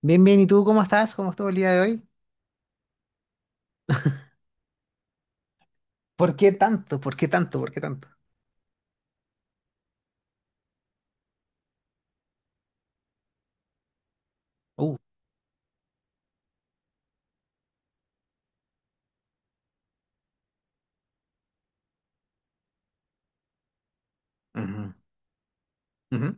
Bien, bien, ¿y tú cómo estás? ¿Cómo estuvo el día de hoy? ¿Por qué tanto? ¿Por qué tanto? ¿Por qué tanto? Uh, ujú, ujú.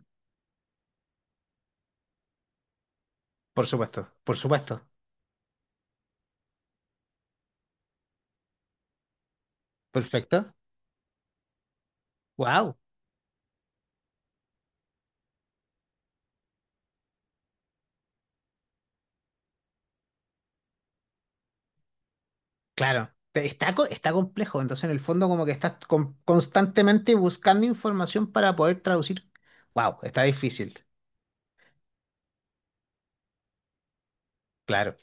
Por supuesto, por supuesto. Perfecto. Wow, claro. Está, está complejo, entonces en el fondo como que estás constantemente buscando información para poder traducir. Wow, está difícil. Claro,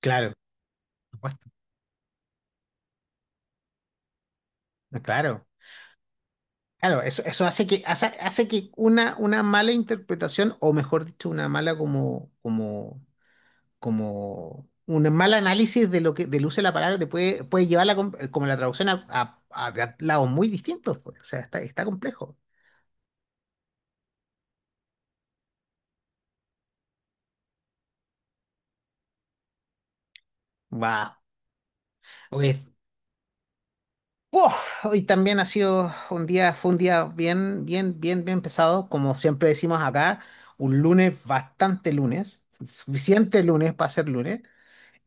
claro. Por supuesto. Claro, claro, eso hace hace que una mala interpretación, o mejor dicho, una mala como como un mal análisis de lo que del uso de la palabra te puede, puede llevar la, como la traducción a, a lados muy distintos, pues. O sea, está, está complejo. Va. Oye, ¡uf! Hoy también ha sido un día, fue un día bien, bien, bien, bien pesado, como siempre decimos acá, un lunes bastante lunes, suficiente lunes para ser lunes.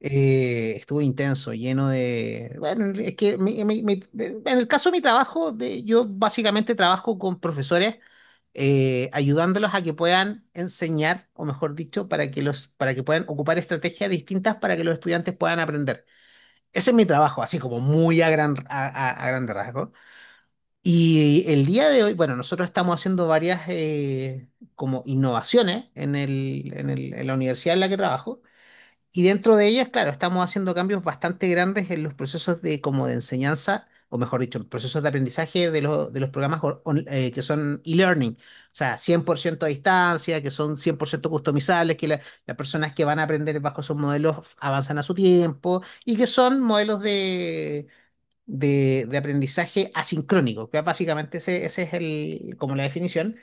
Estuvo intenso, lleno de... Bueno, es que en el caso de mi trabajo, yo básicamente trabajo con profesores, ayudándolos a que puedan enseñar, o mejor dicho, para que los, para que puedan ocupar estrategias distintas para que los estudiantes puedan aprender. Ese es mi trabajo, así como muy a gran, a grande rasgo. Y el día de hoy, bueno, nosotros estamos haciendo varias como innovaciones en el, en la universidad en la que trabajo. Y dentro de ellas, claro, estamos haciendo cambios bastante grandes en los procesos de, como de enseñanza, o mejor dicho, procesos de aprendizaje de los programas que son e-learning, o sea, 100% a distancia, que son 100% customizables, las personas que van a aprender bajo esos modelos avanzan a su tiempo y que son modelos de aprendizaje asincrónico, que básicamente ese, ese es el, como la definición.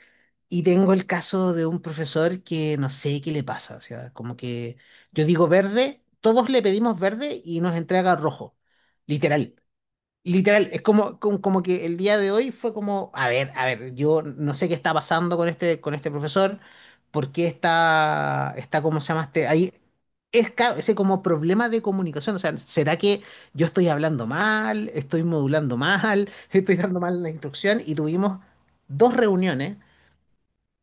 Y tengo el caso de un profesor que no sé qué le pasa, o sea, como que yo digo verde, todos le pedimos verde y nos entrega rojo, literal. Literal, es como, como, como que el día de hoy fue como, a ver, yo no sé qué está pasando con este profesor, por qué está, está, ¿cómo se llama este? Ahí es ese como problema de comunicación, o sea, ¿será que yo estoy hablando mal, estoy modulando mal, estoy dando mal la instrucción? Y tuvimos dos reuniones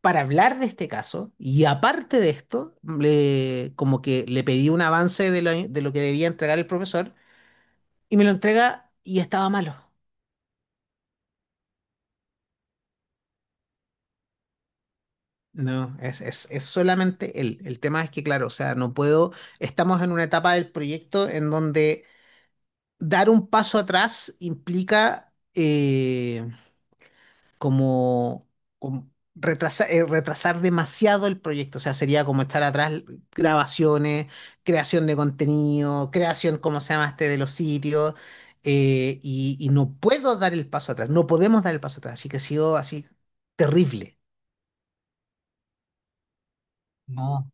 para hablar de este caso y aparte de esto, le, como que le pedí un avance de lo que debía entregar el profesor y me lo entrega y estaba malo. No, es solamente él. El tema es que, claro, o sea, no puedo, estamos en una etapa del proyecto en donde dar un paso atrás implica como, como retrasar demasiado el proyecto, o sea, sería como echar atrás grabaciones, creación de contenido, creación, ¿cómo se llama este?, de los sitios, y no puedo dar el paso atrás, no podemos dar el paso atrás, así que ha sido así terrible. No.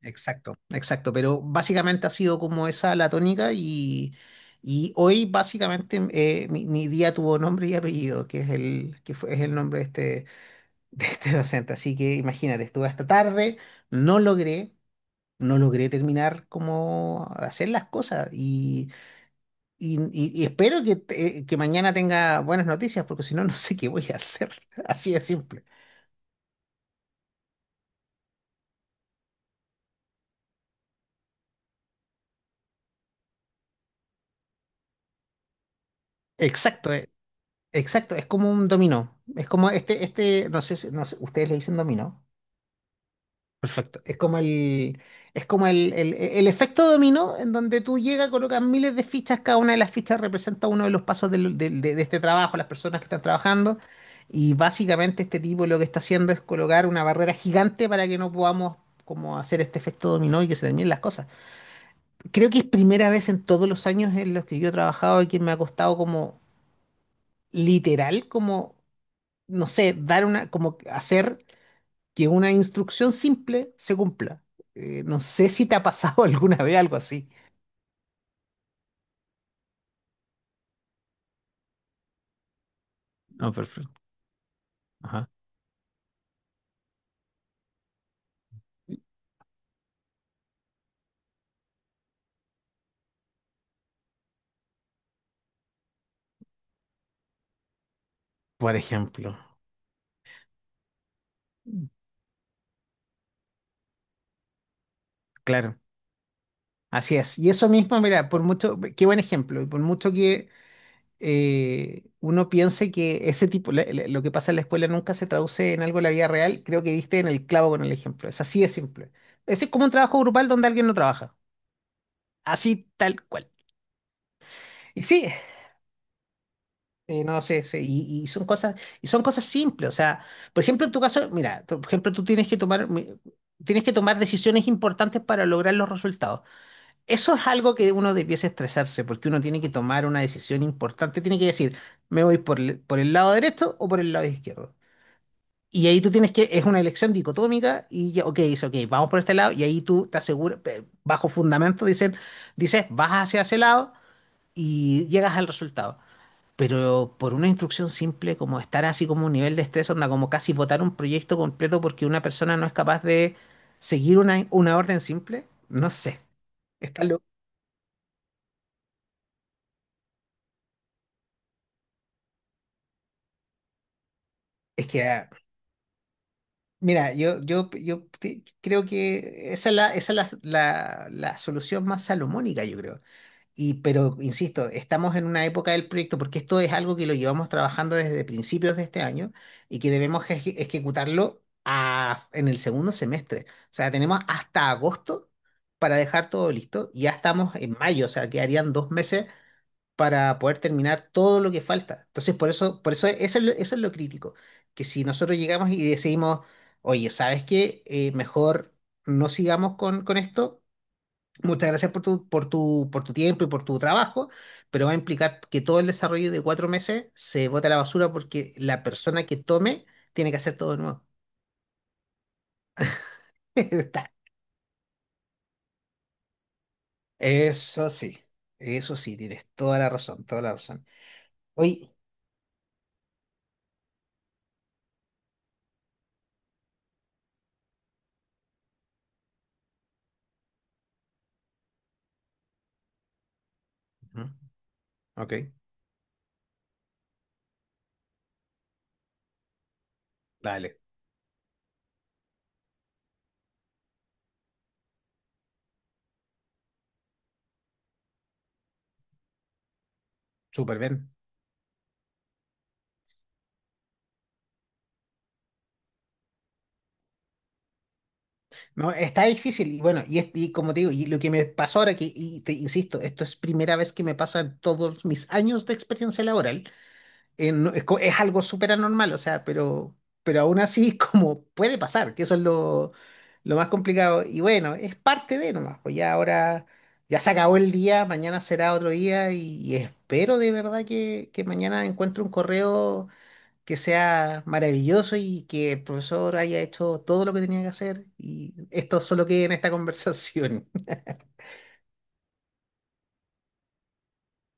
Exacto, exacto, pero básicamente ha sido como esa la tónica y hoy básicamente mi, mi día tuvo nombre y apellido, que es el, que fue, es el nombre de este, de este docente. Así que imagínate, estuve hasta tarde, no logré, no logré terminar como hacer las cosas y espero que, que mañana tenga buenas noticias, porque si no, no sé qué voy a hacer. Así de simple. Exacto, Exacto, es como un dominó. Es como este, no sé, no sé, ustedes le dicen dominó. Perfecto. Es como el efecto dominó en donde tú llegas, colocas miles de fichas, cada una de las fichas representa uno de los pasos de este trabajo, las personas que están trabajando. Y básicamente este tipo lo que está haciendo es colocar una barrera gigante para que no podamos como hacer este efecto dominó y que se terminen las cosas. Creo que es primera vez en todos los años en los que yo he trabajado y que me ha costado como literal, como no sé, dar una, como que hacer que una instrucción simple se cumpla. No sé si te ha pasado alguna vez algo así. No, perfecto. Ajá. Por ejemplo. Claro, así es. Y eso mismo, mira, por mucho, qué buen ejemplo, y por mucho que uno piense que ese tipo, lo que pasa en la escuela nunca se traduce en algo en la vida real, creo que diste en el clavo con el ejemplo. Es así de simple. Ese es como un trabajo grupal donde alguien no trabaja. Así tal cual. Y sí, sí, no sé, sí, y son cosas simples, o sea, por ejemplo, en tu caso, mira, por ejemplo, tú tienes que tomar, tienes que tomar decisiones importantes para lograr los resultados. Eso es algo que uno debiese estresarse, porque uno tiene que tomar una decisión importante, tiene que decir, me voy por el lado derecho o por el lado izquierdo. Y ahí tú tienes que, es una elección dicotómica, y ya, ok, dice, ok, vamos por este lado, y ahí tú te aseguras, bajo fundamento, dicen, dices, vas hacia ese lado y llegas al resultado. Pero por una instrucción simple, como estar así como un nivel de estrés, onda como casi votar un proyecto completo porque una persona no es capaz de seguir una orden simple, no sé. Está lo... Es que, ah, mira, yo, creo que esa es la, la, la solución más salomónica, yo creo. Y, pero, insisto, estamos en una época del proyecto porque esto es algo que lo llevamos trabajando desde principios de este año y que debemos ejecutarlo en el segundo semestre. O sea, tenemos hasta agosto para dejar todo listo y ya estamos en mayo, o sea, quedarían dos meses para poder terminar todo lo que falta. Entonces, por eso, eso es lo crítico, que si nosotros llegamos y decidimos, oye, ¿sabes qué? Mejor no sigamos con esto. Muchas gracias por tu, por tu, por tu tiempo y por tu trabajo, pero va a implicar que todo el desarrollo de cuatro meses se bote a la basura porque la persona que tome tiene que hacer todo de nuevo. Está. Eso sí, eso sí, tienes toda la razón, toda la razón. Oye, ujú, ok, dale, súper bien. No, está difícil y bueno, y como te digo, y lo que me pasó ahora, que, y te insisto, esto es primera vez que me pasa en todos mis años de experiencia laboral. Es, es algo súper anormal, o sea, pero aún así es como puede pasar, que eso es lo más complicado. Y bueno, es parte de nomás, pues ya ahora, ya se acabó el día, mañana será otro día y espero de verdad que mañana encuentre un correo que sea maravilloso y que el profesor haya hecho todo lo que tenía que hacer y esto solo quede en esta conversación.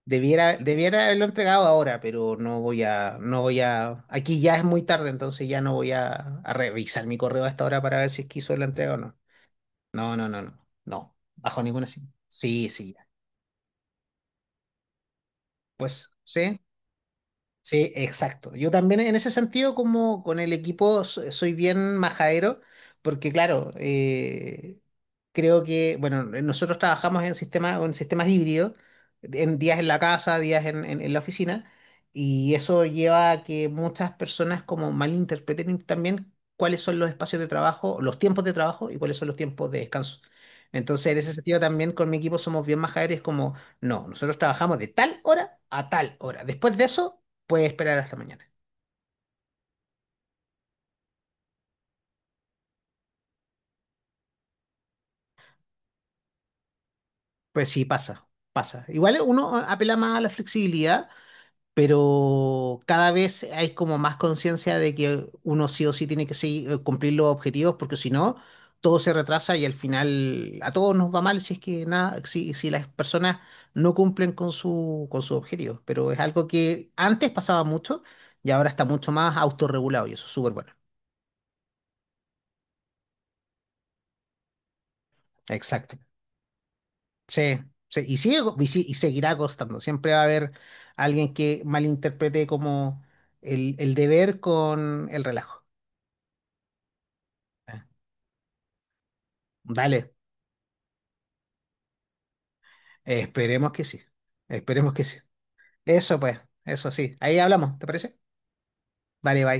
Debiera, debiera haberlo entregado ahora, pero no voy a, no voy a, aquí ya es muy tarde, entonces ya no voy a revisar mi correo hasta ahora para ver si es que hizo la entrega o no. No, no, no, no, no, bajo ninguna circunstancia. Sí, sí, ya. Pues, sí. Sí, exacto. Yo también en ese sentido, como con el equipo, soy bien majadero, porque claro, creo que, bueno, nosotros trabajamos en sistemas híbridos, en días en la casa, días en la oficina, y eso lleva a que muchas personas como malinterpreten también cuáles son los espacios de trabajo, los tiempos de trabajo y cuáles son los tiempos de descanso. Entonces, en ese sentido también con mi equipo somos bien majaderos, como, no, nosotros trabajamos de tal hora a tal hora. Después de eso puede esperar hasta mañana. Pues sí, pasa, pasa. Igual uno apela más a la flexibilidad, pero cada vez hay como más conciencia de que uno sí o sí tiene que cumplir los objetivos, porque si no, todo se retrasa y al final a todos nos va mal si es que nada, si, si las personas no cumplen con su, con sus objetivos. Pero es algo que antes pasaba mucho y ahora está mucho más autorregulado y eso es súper bueno. Exacto. Sí, sí, y, y seguirá costando. Siempre va a haber alguien que malinterprete como el deber con el relajo. Eh, Dale, esperemos que sí. Esperemos que sí. Eso pues, eso sí. Ahí hablamos, ¿te parece? Dale, bye.